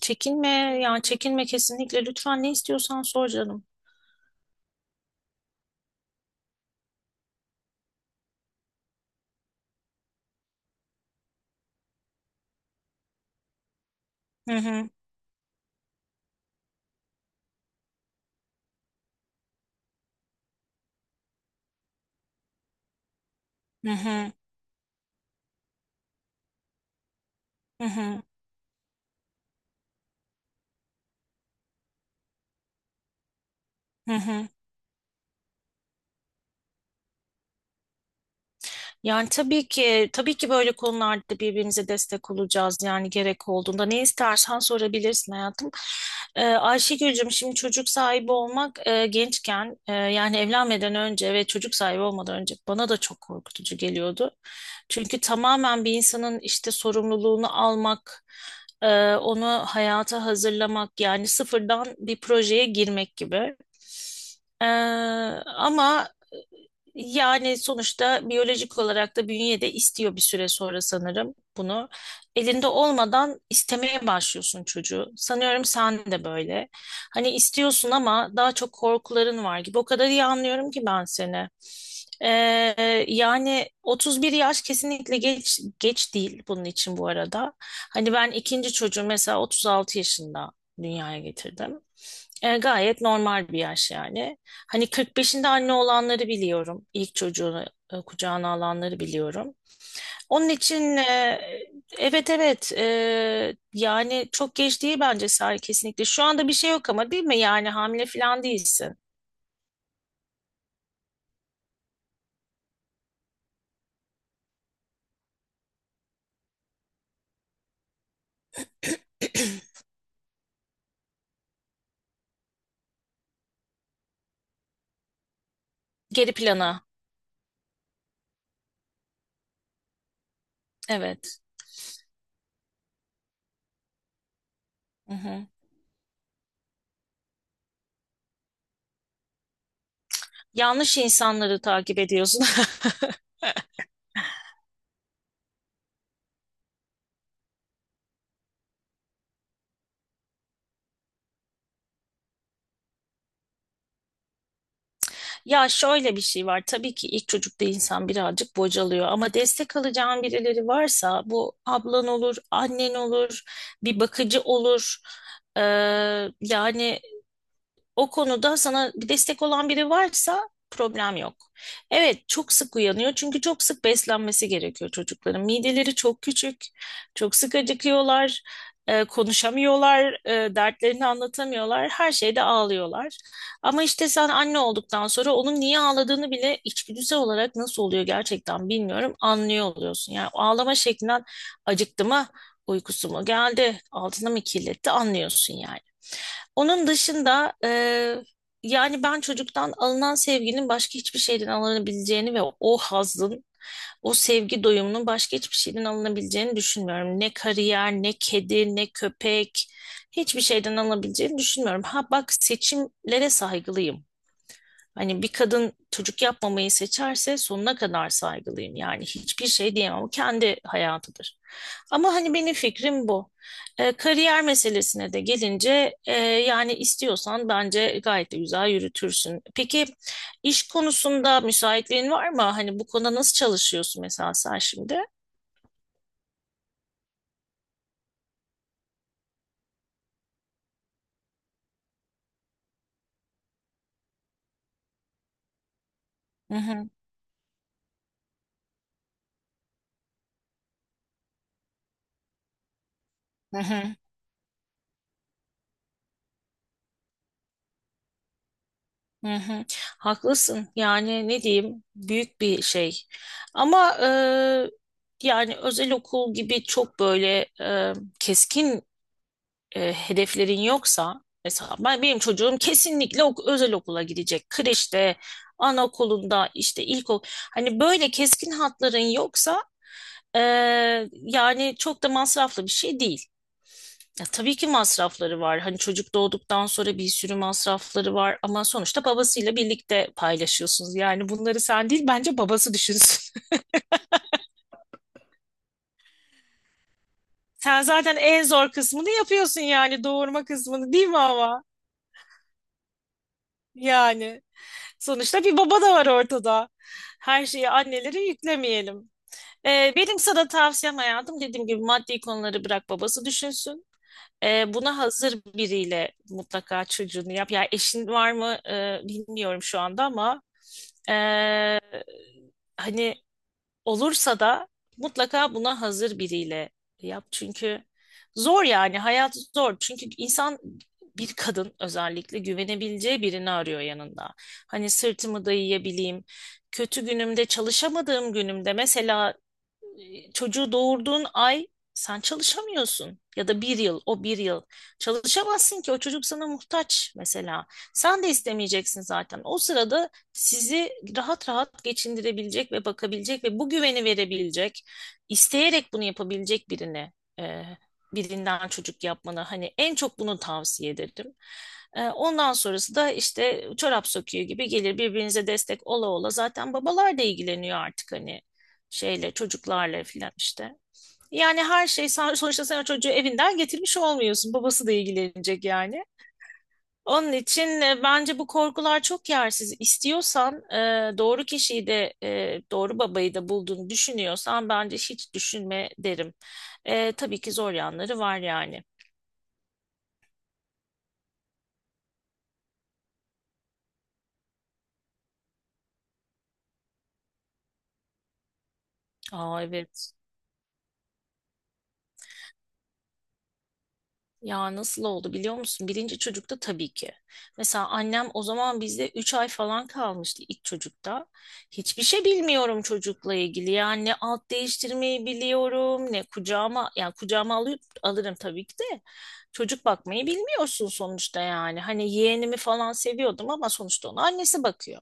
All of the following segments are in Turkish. Çekinme çekinme kesinlikle lütfen ne istiyorsan sor canım. Hı hı, hı hı, hı hı, hı hı. Yani tabii ki böyle konularda birbirimize destek olacağız, yani gerek olduğunda ne istersen sorabilirsin hayatım. Ayşegül'cüm şimdi çocuk sahibi olmak, gençken, yani evlenmeden önce ve çocuk sahibi olmadan önce bana da çok korkutucu geliyordu. Çünkü tamamen bir insanın işte sorumluluğunu almak, onu hayata hazırlamak, yani sıfırdan bir projeye girmek gibi. Ee, ama yani sonuçta biyolojik olarak da bünye de istiyor bir süre sonra sanırım bunu. Elinde olmadan istemeye başlıyorsun çocuğu. Sanıyorum sen de böyle. Hani istiyorsun ama daha çok korkuların var gibi. O kadar iyi anlıyorum ki ben seni. Ee, Yani 31 yaş kesinlikle geç değil bunun için bu arada. Hani ben ikinci çocuğu mesela 36 yaşında dünyaya getirdim. Gayet normal bir yaş yani. Hani 45'inde anne olanları biliyorum. İlk çocuğunu kucağına alanları biliyorum. Onun için evet evet e, yani çok geç değil bence Sare, kesinlikle. Şu anda bir şey yok ama değil mi? Yani hamile falan değilsin. Geri plana. Evet. Hı hı. Yanlış insanları takip ediyorsun. Ya şöyle bir şey var. Tabii ki ilk çocukta insan birazcık bocalıyor ama destek alacağın birileri varsa, bu ablan olur, annen olur, bir bakıcı olur. Ee, Yani o konuda sana bir destek olan biri varsa problem yok. Evet, çok sık uyanıyor çünkü çok sık beslenmesi gerekiyor çocukların. Mideleri çok küçük, çok sık acıkıyorlar, konuşamıyorlar, dertlerini anlatamıyorlar, her şeyde ağlıyorlar. Ama işte sen anne olduktan sonra onun niye ağladığını bile içgüdüsel olarak, nasıl oluyor gerçekten bilmiyorum, anlıyor oluyorsun. Yani ağlama şeklinden acıktı mı, uykusu mu geldi, altına mı kirletti anlıyorsun yani. Onun dışında yani ben çocuktan alınan sevginin başka hiçbir şeyden alınabileceğini ve o hazın, o sevgi doyumunun başka hiçbir şeyden alınabileceğini düşünmüyorum. Ne kariyer, ne kedi, ne köpek, hiçbir şeyden alınabileceğini düşünmüyorum. Ha bak, seçimlere saygılıyım. Hani bir kadın çocuk yapmamayı seçerse sonuna kadar saygılıyım. Yani hiçbir şey diyemem. O kendi hayatıdır. Ama hani benim fikrim bu. Kariyer meselesine de gelince, yani istiyorsan bence gayet de güzel yürütürsün. Peki iş konusunda müsaitliğin var mı? Hani bu konuda nasıl çalışıyorsun mesela sen şimdi? Hı hı, hı hı, hı hı. Haklısın. Yani ne diyeyim, büyük bir şey. Ama yani özel okul gibi çok böyle keskin hedeflerin yoksa, mesela ben benim çocuğum kesinlikle ok özel okula gidecek. Kreşte, anaokulunda, işte ilkokul. Hani böyle keskin hatların yoksa e, yani çok da masraflı bir şey değil. Ya tabii ki masrafları var. Hani çocuk doğduktan sonra bir sürü masrafları var ama sonuçta babasıyla birlikte paylaşıyorsunuz. Yani bunları sen değil bence babası düşünsün. Sen zaten en zor kısmını yapıyorsun, yani doğurma kısmını, değil mi ama? Yani sonuçta bir baba da var ortada. Her şeyi annelere yüklemeyelim. Benim sana tavsiyem hayatım, dediğim gibi maddi konuları bırak babası düşünsün. Buna hazır biriyle mutlaka çocuğunu yap. Yani eşin var mı bilmiyorum şu anda ama e, hani olursa da mutlaka buna hazır biriyle yap. Çünkü zor, yani hayat zor. Çünkü insan, bir kadın özellikle, güvenebileceği birini arıyor yanında. Hani sırtımı dayayabileyim. Kötü günümde, çalışamadığım günümde, mesela çocuğu doğurduğun ay sen çalışamıyorsun, ya da bir yıl, o bir yıl çalışamazsın ki o çocuk sana muhtaç mesela, sen de istemeyeceksin zaten o sırada. Sizi rahat rahat geçindirebilecek ve bakabilecek ve bu güveni verebilecek, isteyerek bunu yapabilecek birine, e, birinden çocuk yapmanı hani en çok bunu tavsiye ederim. Ondan sonrası da işte çorap söküğü gibi gelir, birbirinize destek ola ola. Zaten babalar da ilgileniyor artık, hani şeyle, çocuklarla filan işte. Yani her şey sen, sonuçta sen o çocuğu evinden getirmiş olmuyorsun. Babası da ilgilenecek yani. Onun için bence bu korkular çok yersiz. İstiyorsan doğru kişiyi de, doğru babayı da bulduğunu düşünüyorsan, bence hiç düşünme derim. Tabii ki zor yanları var yani. Aa, evet. Ya nasıl oldu biliyor musun? Birinci çocukta tabii ki. Mesela annem o zaman bizde 3 ay falan kalmıştı ilk çocukta. Hiçbir şey bilmiyorum çocukla ilgili. Yani ne alt değiştirmeyi biliyorum, ne kucağıma, yani kucağıma alıp alırım tabii ki de. Çocuk bakmayı bilmiyorsun sonuçta yani. Hani yeğenimi falan seviyordum ama sonuçta ona annesi bakıyor.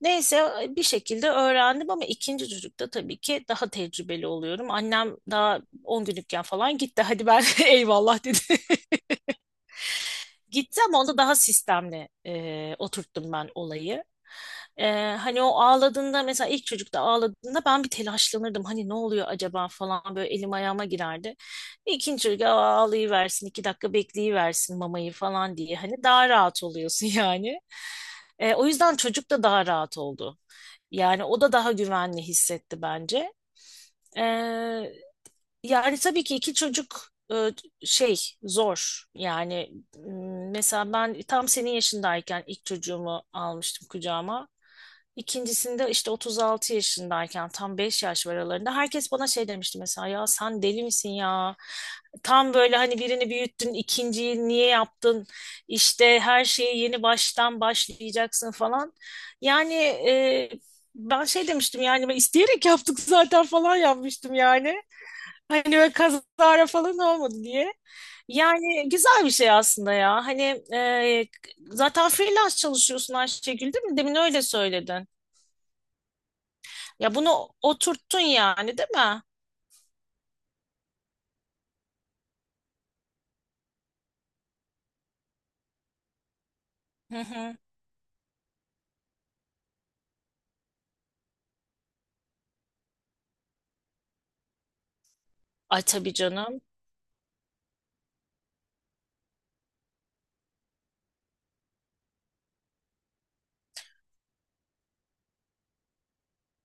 Neyse bir şekilde öğrendim ama ikinci çocukta tabii ki daha tecrübeli oluyorum. Annem daha 10 günlükken falan gitti. Hadi ben eyvallah dedi, gitti, ama onda daha sistemli oturttum ben olayı. E, Hani o ağladığında, mesela ilk çocukta ağladığında ben bir telaşlanırdım. Hani ne oluyor acaba falan, böyle elim ayağıma girerdi. İkinci çocuk, "Aa, ağlayıversin, 2 dakika bekleyiversin mamayı" falan diye. Hani daha rahat oluyorsun yani. O yüzden çocuk da daha rahat oldu. Yani o da daha güvenli hissetti bence. E, Yani tabii ki iki çocuk şey zor. Yani mesela ben tam senin yaşındayken ilk çocuğumu almıştım kucağıma. İkincisinde işte 36 yaşındayken, tam 5 yaş var aralarında, herkes bana şey demişti mesela, ya sen deli misin ya? Tam böyle hani birini büyüttün, ikinciyi niye yaptın? İşte her şeyi yeni baştan başlayacaksın falan. Yani ben şey demiştim yani, ben isteyerek yaptık zaten falan yapmıştım yani. Hani böyle kazara falan olmadı diye. Yani güzel bir şey aslında ya. Hani e, zaten freelance çalışıyorsun Ayşegül, değil mi? Demin öyle söyledin. Ya bunu oturttun yani değil mi? Hı hı. Ay tabii canım.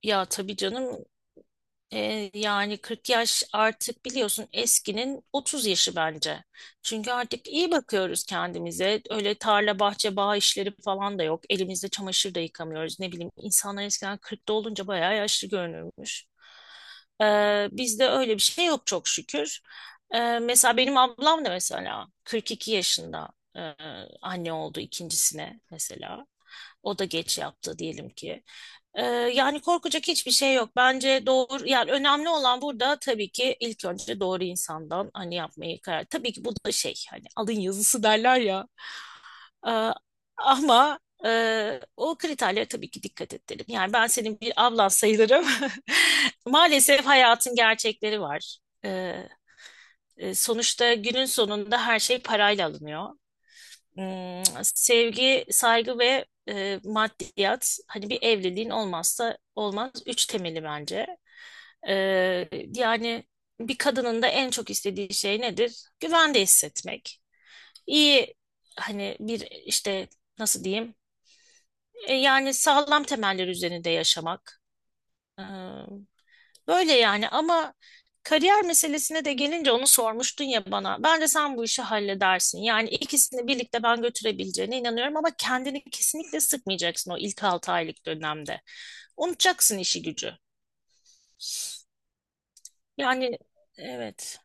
Ya tabii canım. Yani 40 yaş artık, biliyorsun, eskinin 30 yaşı bence. Çünkü artık iyi bakıyoruz kendimize. Öyle tarla, bahçe, bağ işleri falan da yok. Elimizde çamaşır da yıkamıyoruz. Ne bileyim, insanlar eskiden 40'ta olunca bayağı yaşlı görünürmüş. E, Bizde öyle bir şey yok çok şükür. Mesela benim ablam da mesela 42 yaşında e, anne oldu ikincisine mesela. O da geç yaptı diyelim ki. Ee, Yani korkacak hiçbir şey yok. Bence doğru, yani önemli olan burada tabii ki ilk önce doğru insandan hani yapmayı karar. Tabii ki bu da şey, hani alın yazısı derler ya. Ee, ama o kriterlere tabii ki dikkat edelim. Yani ben senin bir ablan sayılırım. Maalesef hayatın gerçekleri var. Ee, Sonuçta günün sonunda her şey parayla alınıyor. Sevgi, saygı ve maddiyat, hani bir evliliğin olmazsa olmaz üç temeli bence. Ee, Yani bir kadının da en çok istediği şey nedir? Güvende hissetmek. İyi, hani bir, işte nasıl diyeyim? Yani sağlam temeller üzerinde yaşamak. Böyle yani. Ama kariyer meselesine de gelince, onu sormuştun ya bana. Bence sen bu işi halledersin. Yani ikisini birlikte ben götürebileceğine inanıyorum ama kendini kesinlikle sıkmayacaksın o ilk 6 aylık dönemde. Unutacaksın işi gücü. Yani evet.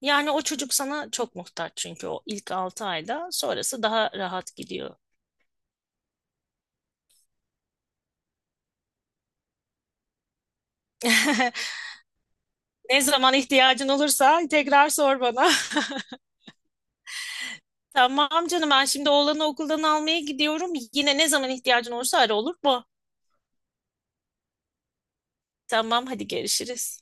Yani o çocuk sana çok muhtaç çünkü o ilk 6 ayda, sonrası daha rahat gidiyor. Ne zaman ihtiyacın olursa tekrar sor bana. Tamam canım, ben şimdi oğlanı okuldan almaya gidiyorum. Yine ne zaman ihtiyacın olursa ara, olur mu? Tamam, hadi görüşürüz.